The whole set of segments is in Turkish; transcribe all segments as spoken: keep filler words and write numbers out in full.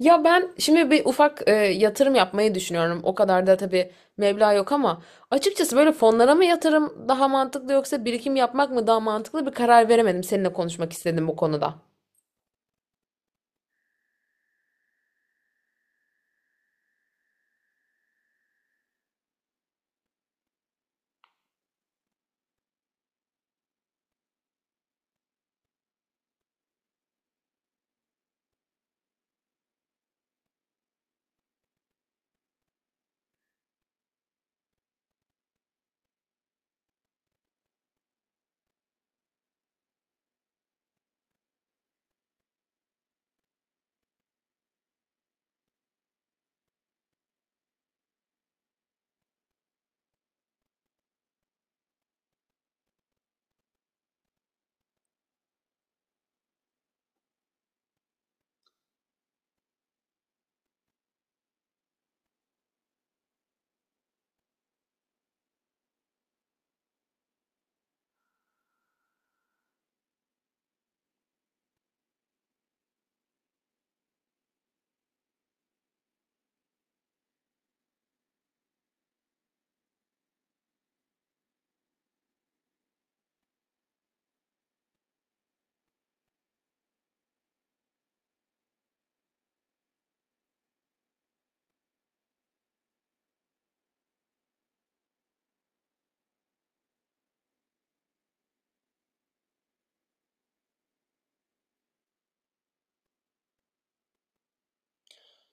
Ya ben şimdi bir ufak e, yatırım yapmayı düşünüyorum. O kadar da tabii meblağ yok ama açıkçası böyle fonlara mı yatırım daha mantıklı yoksa birikim yapmak mı daha mantıklı bir karar veremedim. Seninle konuşmak istedim bu konuda.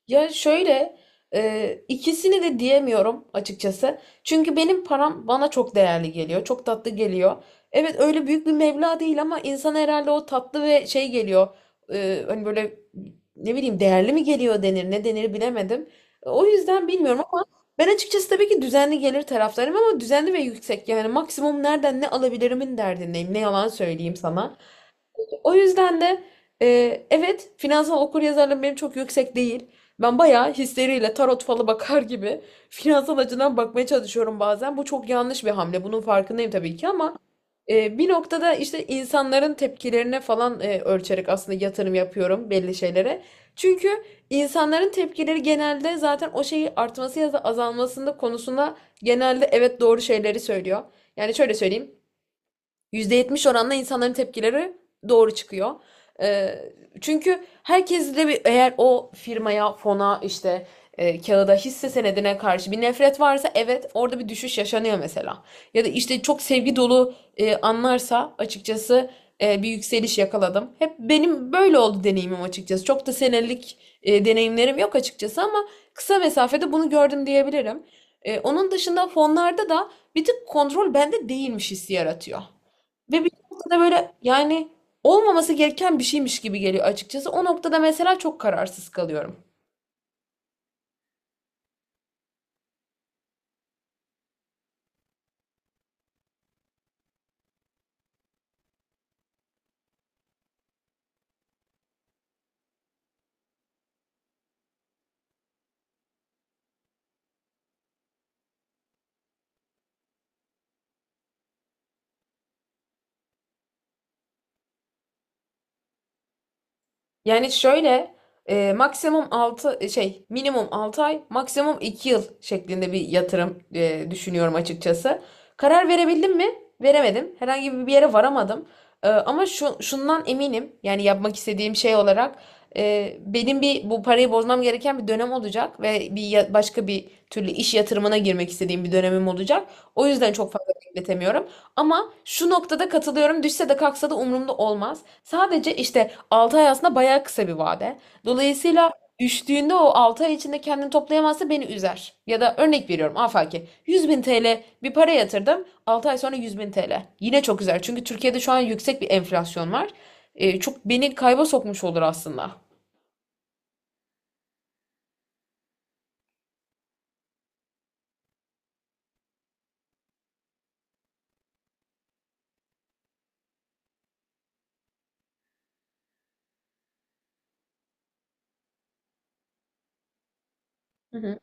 Ya şöyle e, ikisini de diyemiyorum açıkçası. Çünkü benim param bana çok değerli geliyor. Çok tatlı geliyor. Evet öyle büyük bir meblağ değil ama insan herhalde o tatlı ve şey geliyor. E, hani böyle ne bileyim değerli mi geliyor denir ne denir bilemedim. O yüzden bilmiyorum ama ben açıkçası tabii ki düzenli gelir taraftarım ama düzenli ve yüksek yani maksimum nereden ne alabilirimin derdindeyim. Ne yalan söyleyeyim sana. O yüzden de e, evet finansal okuryazarlığım benim çok yüksek değil. Ben bayağı hisleriyle tarot falı bakar gibi finansal açıdan bakmaya çalışıyorum bazen. Bu çok yanlış bir hamle. Bunun farkındayım tabii ki ama e, bir noktada işte insanların tepkilerine falan e, ölçerek aslında yatırım yapıyorum belli şeylere. Çünkü insanların tepkileri genelde zaten o şeyi artması ya da azalmasında konusunda genelde evet doğru şeyleri söylüyor. Yani şöyle söyleyeyim. Yüzde yetmiş oranla insanların tepkileri doğru çıkıyor. Ee, Çünkü herkes de bir, eğer o firmaya, fona, işte e, kağıda, hisse senedine karşı bir nefret varsa evet orada bir düşüş yaşanıyor mesela. Ya da işte çok sevgi dolu e, anlarsa açıkçası e, bir yükseliş yakaladım. Hep benim böyle oldu deneyimim açıkçası. Çok da senelik e, deneyimlerim yok açıkçası ama kısa mesafede bunu gördüm diyebilirim. E, onun dışında fonlarda da bir tık kontrol bende değilmiş hissi yaratıyor. Ve bir noktada böyle yani olmaması gereken bir şeymiş gibi geliyor açıkçası. O noktada mesela çok kararsız kalıyorum. Yani şöyle e, maksimum altı e, şey, minimum altı ay maksimum iki yıl şeklinde bir yatırım e, düşünüyorum açıkçası. Karar verebildim mi? Veremedim. Herhangi bir yere varamadım. E, ama şu, şundan eminim, yani yapmak istediğim şey olarak e, benim bir bu parayı bozmam gereken bir dönem olacak ve bir ya- başka bir türlü iş yatırımına girmek istediğim bir dönemim olacak. O yüzden çok fazla bekletemiyorum. Ama şu noktada katılıyorum. Düşse de kalksa da umurumda olmaz. Sadece işte altı ay aslında bayağı kısa bir vade. Dolayısıyla düştüğünde o altı ay içinde kendini toplayamazsa beni üzer. Ya da örnek veriyorum, afaki yüz bin T L bir para yatırdım, altı ay sonra yüz bin T L. Yine çok üzer çünkü Türkiye'de şu an yüksek bir enflasyon var. Ee, çok beni kayba sokmuş olur aslında. Hı hı.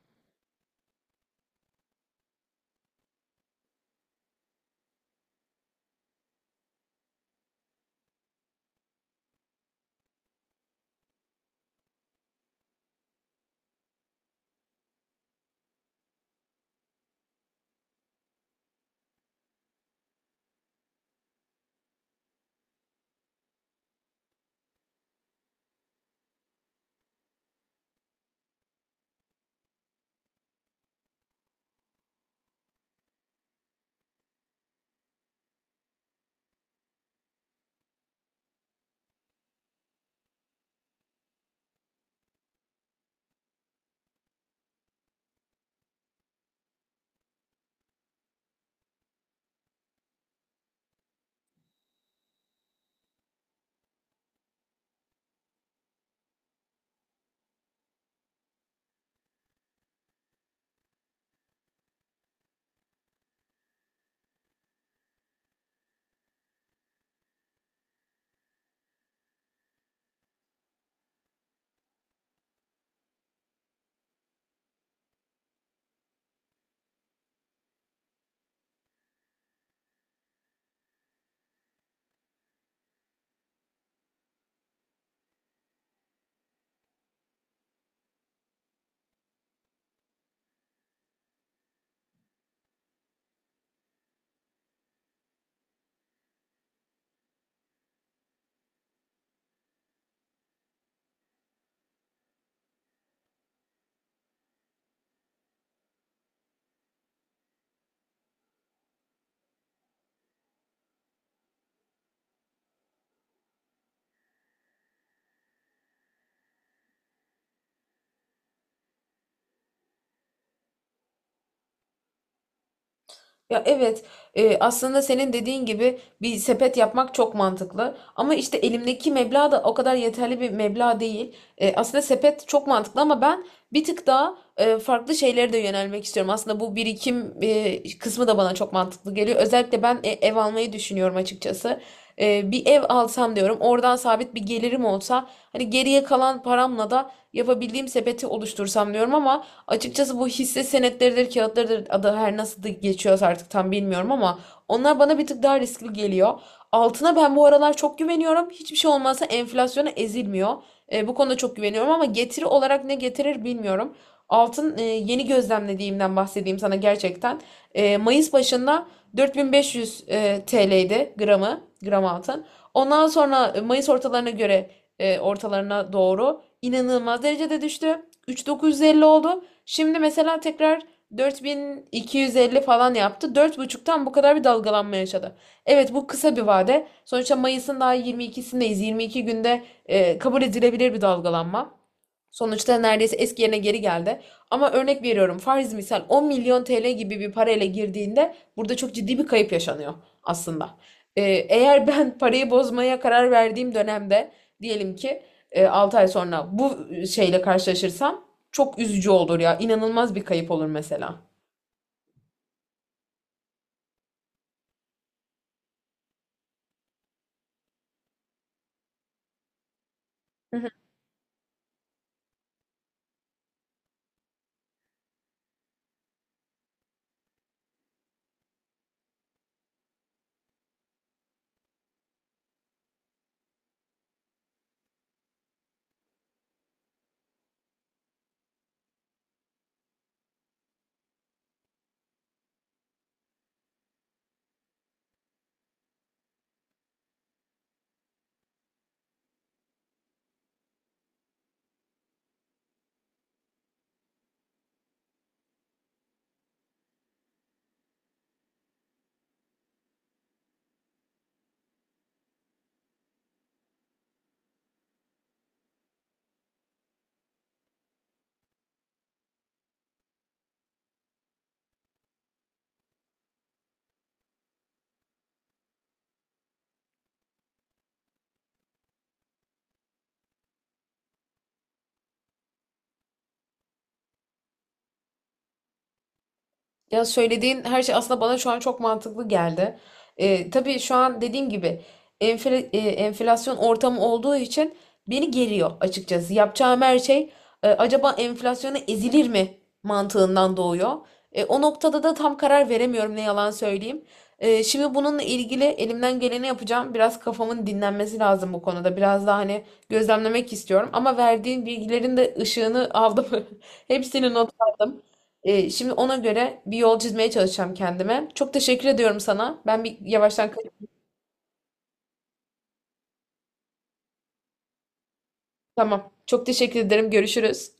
Ya evet, e, aslında senin dediğin gibi bir sepet yapmak çok mantıklı. Ama işte elimdeki meblağ da o kadar yeterli bir meblağ değil. E, aslında sepet çok mantıklı ama ben bir tık daha e, farklı şeylere de yönelmek istiyorum. Aslında bu birikim e, kısmı da bana çok mantıklı geliyor. Özellikle ben e, ev almayı düşünüyorum açıkçası. E, bir ev alsam diyorum, oradan sabit bir gelirim olsa, hani geriye kalan paramla da yapabildiğim sepeti oluştursam diyorum ama. Açıkçası bu hisse senetleridir, kağıtlarıdır, adı her nasıl da geçiyorsa artık tam bilmiyorum ama onlar bana bir tık daha riskli geliyor. Altına ben bu aralar çok güveniyorum. Hiçbir şey olmazsa enflasyona ezilmiyor. E, bu konuda çok güveniyorum ama getiri olarak ne getirir bilmiyorum. Altın e, yeni gözlemlediğimden bahsedeyim sana gerçekten. E, Mayıs başında dört bin beş yüz e, T L'ydi gramı, gram altın. Ondan sonra e, Mayıs ortalarına göre e, ortalarına doğru inanılmaz derecede düştü. üç bin dokuz yüz elli oldu. Şimdi mesela tekrar dört bin iki yüz elli falan yaptı. Dört buçuktan bu kadar bir dalgalanma yaşadı. Evet bu kısa bir vade. Sonuçta Mayıs'ın daha yirmi ikisindeyiz. yirmi iki günde e, kabul edilebilir bir dalgalanma. Sonuçta neredeyse eski yerine geri geldi. Ama örnek veriyorum, farz misal on milyon T L gibi bir parayla girdiğinde burada çok ciddi bir kayıp yaşanıyor aslında. Ee, Eğer ben parayı bozmaya karar verdiğim dönemde diyelim ki e, altı ay sonra bu şeyle karşılaşırsam çok üzücü olur ya. İnanılmaz bir kayıp olur mesela. Hı. Ya söylediğin her şey aslında bana şu an çok mantıklı geldi. Ee, tabii şu an dediğim gibi enfle- e, enflasyon ortamı olduğu için beni geriyor açıkçası. Yapacağım her şey e, acaba enflasyona ezilir mi mantığından doğuyor. E, o noktada da tam karar veremiyorum, ne yalan söyleyeyim. E, şimdi bununla ilgili elimden geleni yapacağım. Biraz kafamın dinlenmesi lazım bu konuda. Biraz daha hani gözlemlemek istiyorum. Ama verdiğin bilgilerin de ışığını aldım. Hepsini not aldım. Ee, şimdi ona göre bir yol çizmeye çalışacağım kendime. Çok teşekkür ediyorum sana. Ben bir yavaştan kaçıyorum. Tamam. Çok teşekkür ederim. Görüşürüz.